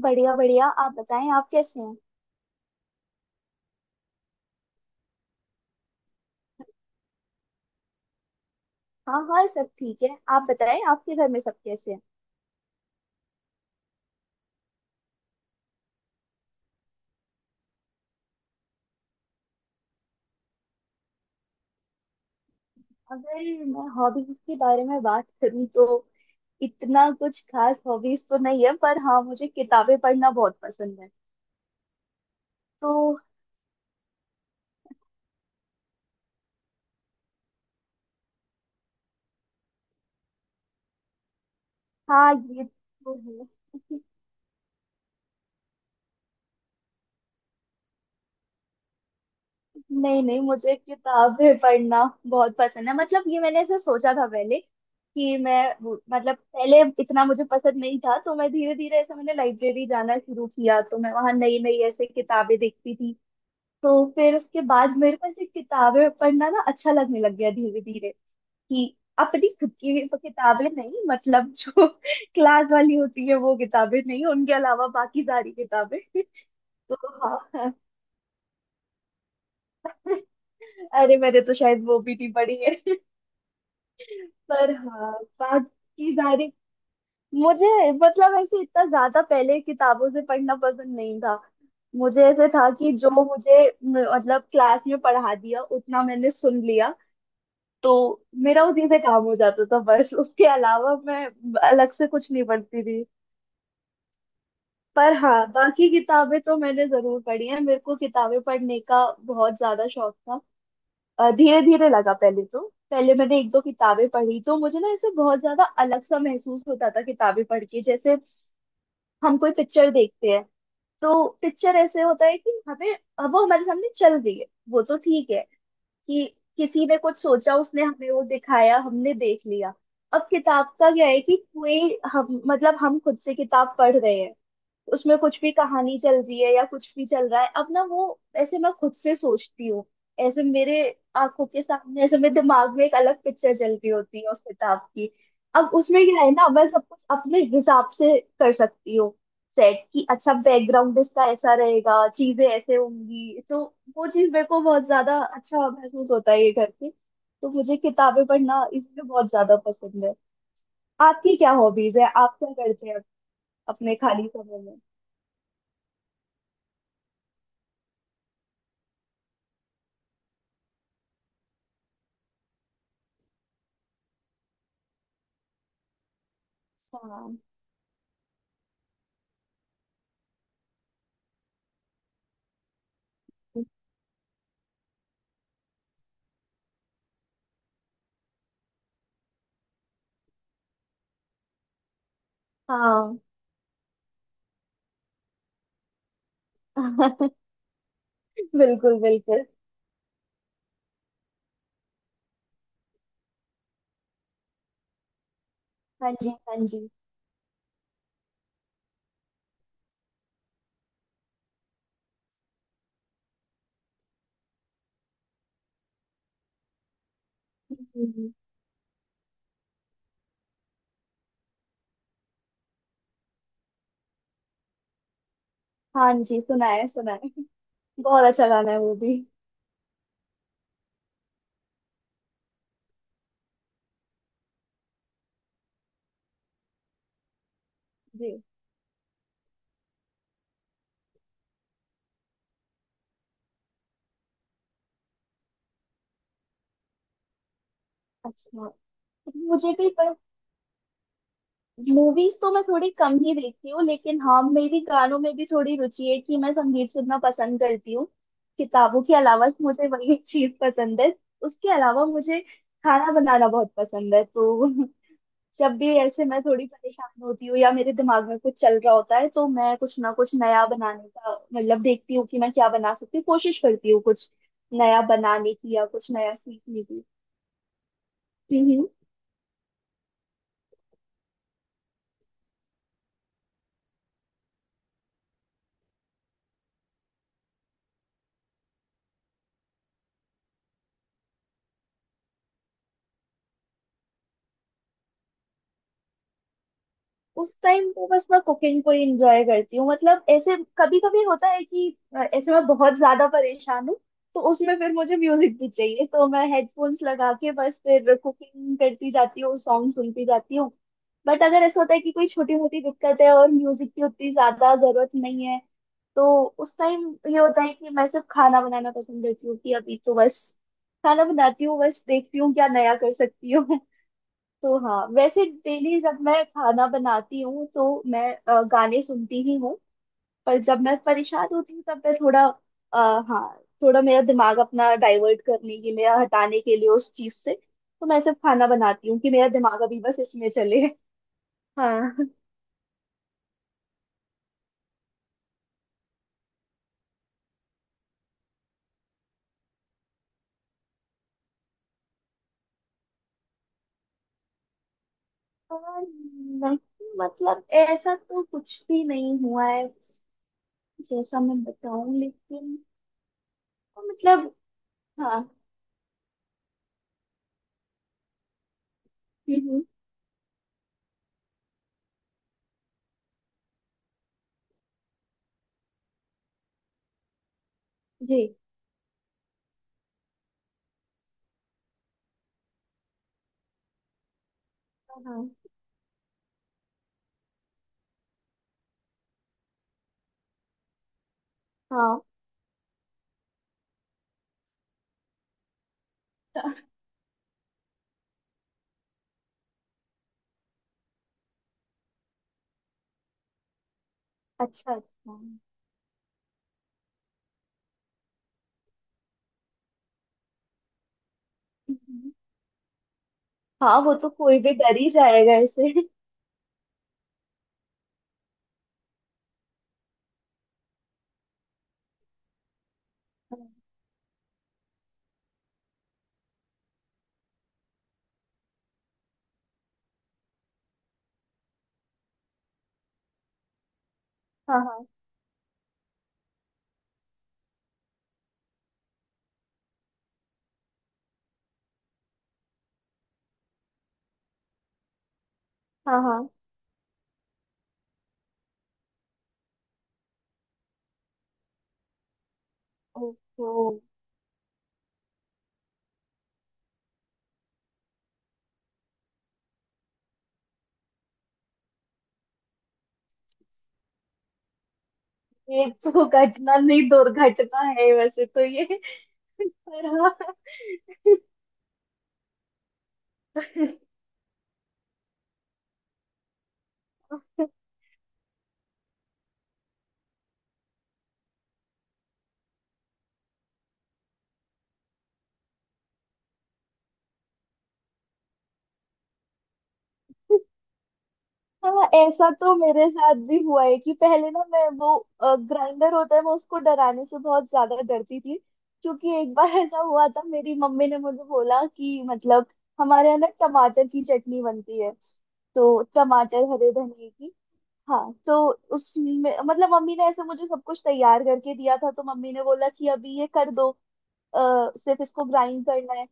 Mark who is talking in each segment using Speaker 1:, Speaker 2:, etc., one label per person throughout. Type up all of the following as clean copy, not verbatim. Speaker 1: बढ़िया बढ़िया, आप बताएं आप कैसे हैं। हाँ हाँ, सब ठीक है। आप बताएं आपके घर में सब कैसे हैं। अगर मैं हॉबीज के बारे में बात करूं तो इतना कुछ खास हॉबीज तो नहीं है, पर हाँ, मुझे किताबें पढ़ना बहुत पसंद है। तो। हाँ, ये तो है। नहीं नहीं, मुझे किताबें पढ़ना बहुत पसंद है। मतलब ये मैंने ऐसे सोचा था पहले कि मैं मतलब पहले इतना मुझे पसंद नहीं था, तो मैं धीरे धीरे, ऐसे मैंने लाइब्रेरी जाना शुरू किया, तो मैं वहां नई नई ऐसे किताबें देखती थी। तो फिर उसके बाद मेरे को ऐसे किताबें पढ़ना ना अच्छा लगने लग गया धीरे धीरे, कि अपनी खुद की तो किताबें नहीं, मतलब जो क्लास वाली होती है वो किताबें नहीं, उनके अलावा बाकी सारी किताबें। तो हाँ। अरे, मैंने तो शायद वो भी नहीं पढ़ी है। पर हाँ, बाकी सारी, मुझे, मतलब ऐसे इतना ज्यादा पहले किताबों से पढ़ना पसंद नहीं था। मुझे ऐसे था कि जो मुझे मतलब क्लास में पढ़ा दिया उतना मैंने सुन लिया, तो मेरा उसी से काम हो जाता था। बस उसके अलावा मैं अलग से कुछ नहीं पढ़ती थी। पर हाँ, बाकी किताबें तो मैंने जरूर पढ़ी हैं, मेरे को किताबें पढ़ने का बहुत ज्यादा शौक था। धीरे धीरे लगा, पहले तो पहले मैंने एक दो किताबें पढ़ी, तो मुझे ना इसे बहुत ज्यादा अलग सा महसूस होता था किताबें पढ़ के। जैसे हम कोई पिक्चर देखते हैं, तो पिक्चर ऐसे होता है कि हमें वो हमारे सामने चल रही है, वो तो ठीक है कि किसी ने कुछ सोचा, उसने हमें वो दिखाया, हमने देख लिया। अब किताब का क्या है कि कोई, हम, मतलब हम खुद से किताब पढ़ रहे हैं, उसमें कुछ भी कहानी चल रही है या कुछ भी चल रहा है, अब ना वो ऐसे मैं खुद से सोचती हूँ। ऐसे मेरे आंखों के सामने, ऐसे मेरे दिमाग में एक अलग पिक्चर चल रही होती है उस किताब की। अब उसमें क्या है ना, मैं सब कुछ अपने हिसाब से कर सकती हूँ सेट, कि अच्छा बैकग्राउंड इसका ऐसा रहेगा, चीजें ऐसे होंगी, तो वो चीज मेरे को बहुत ज्यादा अच्छा महसूस होता है ये करके। तो मुझे किताबें पढ़ना इसलिए बहुत ज्यादा पसंद है। आपकी क्या हॉबीज है? आप क्या करते हैं अपने खाली समय में? हाँ। हाँ। बिल्कुल बिल्कुल। हाँ जी, हाँ जी। हम्म। हाँ जी, सुना है, सुना है। बहुत अच्छा गाना है वो भी। जी। अच्छा। मुझे भी। पर मूवीज तो मैं थोड़ी कम ही देखती हूँ, लेकिन हाँ, मेरी गानों में भी थोड़ी रुचि है कि मैं संगीत सुनना पसंद करती हूँ। किताबों के अलावा मुझे वही एक चीज पसंद है। उसके अलावा मुझे खाना बनाना बहुत पसंद है। तो जब भी ऐसे मैं थोड़ी परेशान होती हूँ या मेरे दिमाग में कुछ चल रहा होता है, तो मैं कुछ ना कुछ नया बनाने का मतलब देखती हूँ कि मैं क्या बना सकती हूँ, कोशिश करती हूँ कुछ नया बनाने की या कुछ नया सीखने की। हम्म। उस टाइम वो बस मैं कुकिंग को ही एंजॉय करती हूँ। मतलब ऐसे कभी कभी होता है कि ऐसे मैं बहुत ज्यादा परेशान हूँ, तो उसमें फिर मुझे म्यूजिक भी चाहिए, तो मैं हेडफोन्स लगा के बस फिर कुकिंग करती जाती हूँ, सॉन्ग सुनती जाती हूँ। बट अगर ऐसा होता है कि कोई छोटी मोटी दिक्कत है और म्यूजिक की उतनी ज्यादा जरूरत नहीं है, तो उस टाइम ये होता है कि मैं सिर्फ खाना बनाना पसंद करती हूँ, कि अभी तो बस खाना बनाती हूँ, बस देखती हूँ क्या नया कर सकती हूँ। तो हाँ, वैसे डेली जब मैं खाना बनाती हूँ तो मैं गाने सुनती ही हूँ। पर जब मैं परेशान होती हूँ तब मैं थोड़ा हाँ, थोड़ा मेरा दिमाग अपना डाइवर्ट करने के लिए, हटाने के लिए उस चीज से, तो मैं सिर्फ खाना बनाती हूँ कि मेरा दिमाग अभी बस इसमें चले। हाँ। नहीं, मतलब ऐसा तो कुछ भी नहीं हुआ है जैसा मैं बताऊं, लेकिन। तो मतलब हाँ। हम्म। जी। हाँ हाँ। अच्छा अच्छा। हम्म। हाँ, वो तो कोई भी डर ही जाएगा ऐसे। हाँ। हाँ। हाँ। हाँ। ओहो। ये तो घटना नहीं दुर्घटना है, वैसे तो ये। पर। हाँ हाँ, ऐसा तो मेरे साथ भी हुआ है कि पहले ना मैं, वो ग्राइंडर होता है, मैं उसको डराने से बहुत ज्यादा डरती थी। क्योंकि एक बार ऐसा हुआ था, मेरी मम्मी ने मुझे बोला कि मतलब हमारे यहाँ ना टमाटर की चटनी बनती है, तो टमाटर हरे धनिए की। हाँ, तो उसमें मतलब मम्मी ने ऐसे मुझे सब कुछ तैयार करके दिया था, तो मम्मी ने बोला कि अभी ये कर दो, सिर्फ इसको ग्राइंड करना है।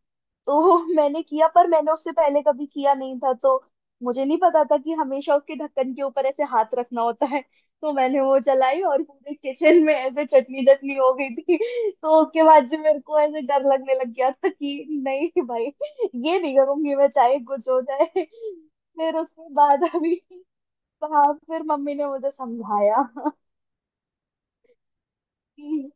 Speaker 1: तो मैंने किया, पर मैंने उससे पहले कभी किया नहीं था, तो मुझे नहीं पता था कि हमेशा उसके ढक्कन के ऊपर ऐसे हाथ रखना होता है। तो मैंने वो चलाई और पूरे किचन में ऐसे चटनी चटनी हो गई थी। तो उसके बाद से मेरे को ऐसे डर लगने लग गया था कि नहीं भाई, ये नहीं करूंगी मैं, चाहे कुछ हो जाए। फिर उसके बाद अभी। हाँ, फिर मम्मी ने मुझे समझाया कि। हम्म।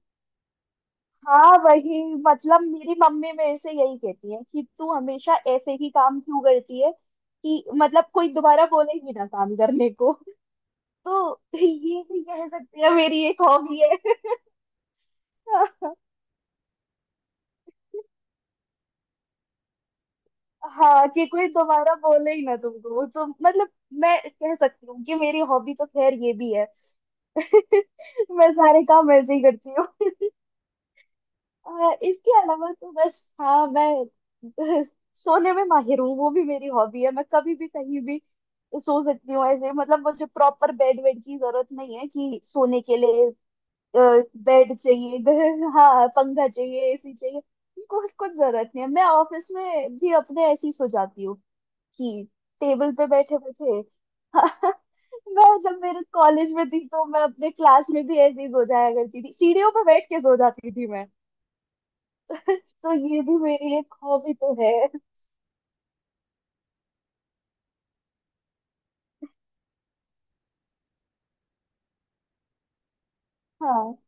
Speaker 1: हाँ, वही, मतलब मेरी मम्मी मेरे से यही कहती है कि तू हमेशा ऐसे ही काम क्यों करती है, कि मतलब कोई दोबारा बोले ही ना काम करने को। तो ये भी कह सकते हैं मेरी एक हॉबी है। हाँ, कि कोई दोबारा बोले ही ना तुमको, तो मतलब मैं कह सकती हूँ कि मेरी हॉबी तो खैर ये भी है। मैं सारे काम ऐसे ही करती हूँ। इसके अलावा तो बस हाँ, मैं सोने में माहिर हूँ, वो भी मेरी हॉबी है। मैं कभी भी कहीं भी सो सकती हूँ ऐसे, मतलब मुझे प्रॉपर बेड वेड की जरूरत नहीं है कि सोने के लिए बेड चाहिए। हाँ, पंखा चाहिए, एसी चाहिए, कुछ कुछ जरूरत नहीं है। मैं ऑफिस में भी अपने ऐसे ही सो जाती हूँ, कि टेबल पे बैठे बैठे। मैं जब मेरे कॉलेज में थी तो मैं अपने क्लास में भी ऐसे ही सो जाया करती थी, सीढ़ियों पे बैठ के सो जाती थी। तो ये भी मेरी एक हॉबी तो है। हाँ।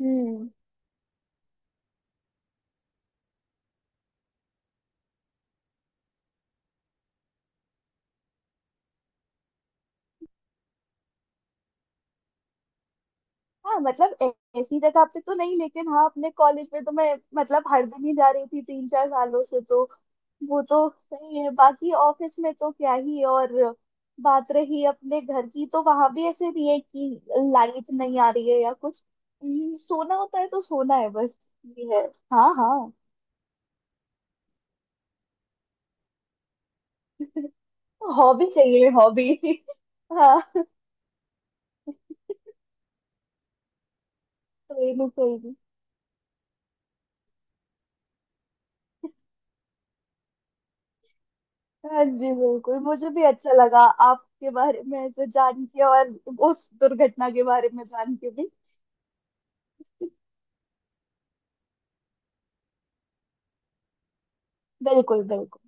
Speaker 1: हम्म। हाँ, मतलब ऐसी जगह पे तो नहीं, लेकिन हाँ, अपने कॉलेज में तो मैं मतलब हर दिन ही जा रही थी तीन चार सालों से, तो वो तो सही है। बाकी ऑफिस में तो क्या ही। और बात रही अपने घर की, तो वहां भी ऐसे नहीं है कि लाइट नहीं आ रही है या कुछ। सोना होता है तो सोना है बस। ये है। हाँ हाँ। हॉबी चाहिए, हॉबी। हाँ। कोई नहीं, कोई नहीं। हाँ जी, बिल्कुल, मुझे भी अच्छा लगा आपके बारे में ऐसे जान के, और उस दुर्घटना के बारे में जान के भी। बिल्कुल बिल्कुल।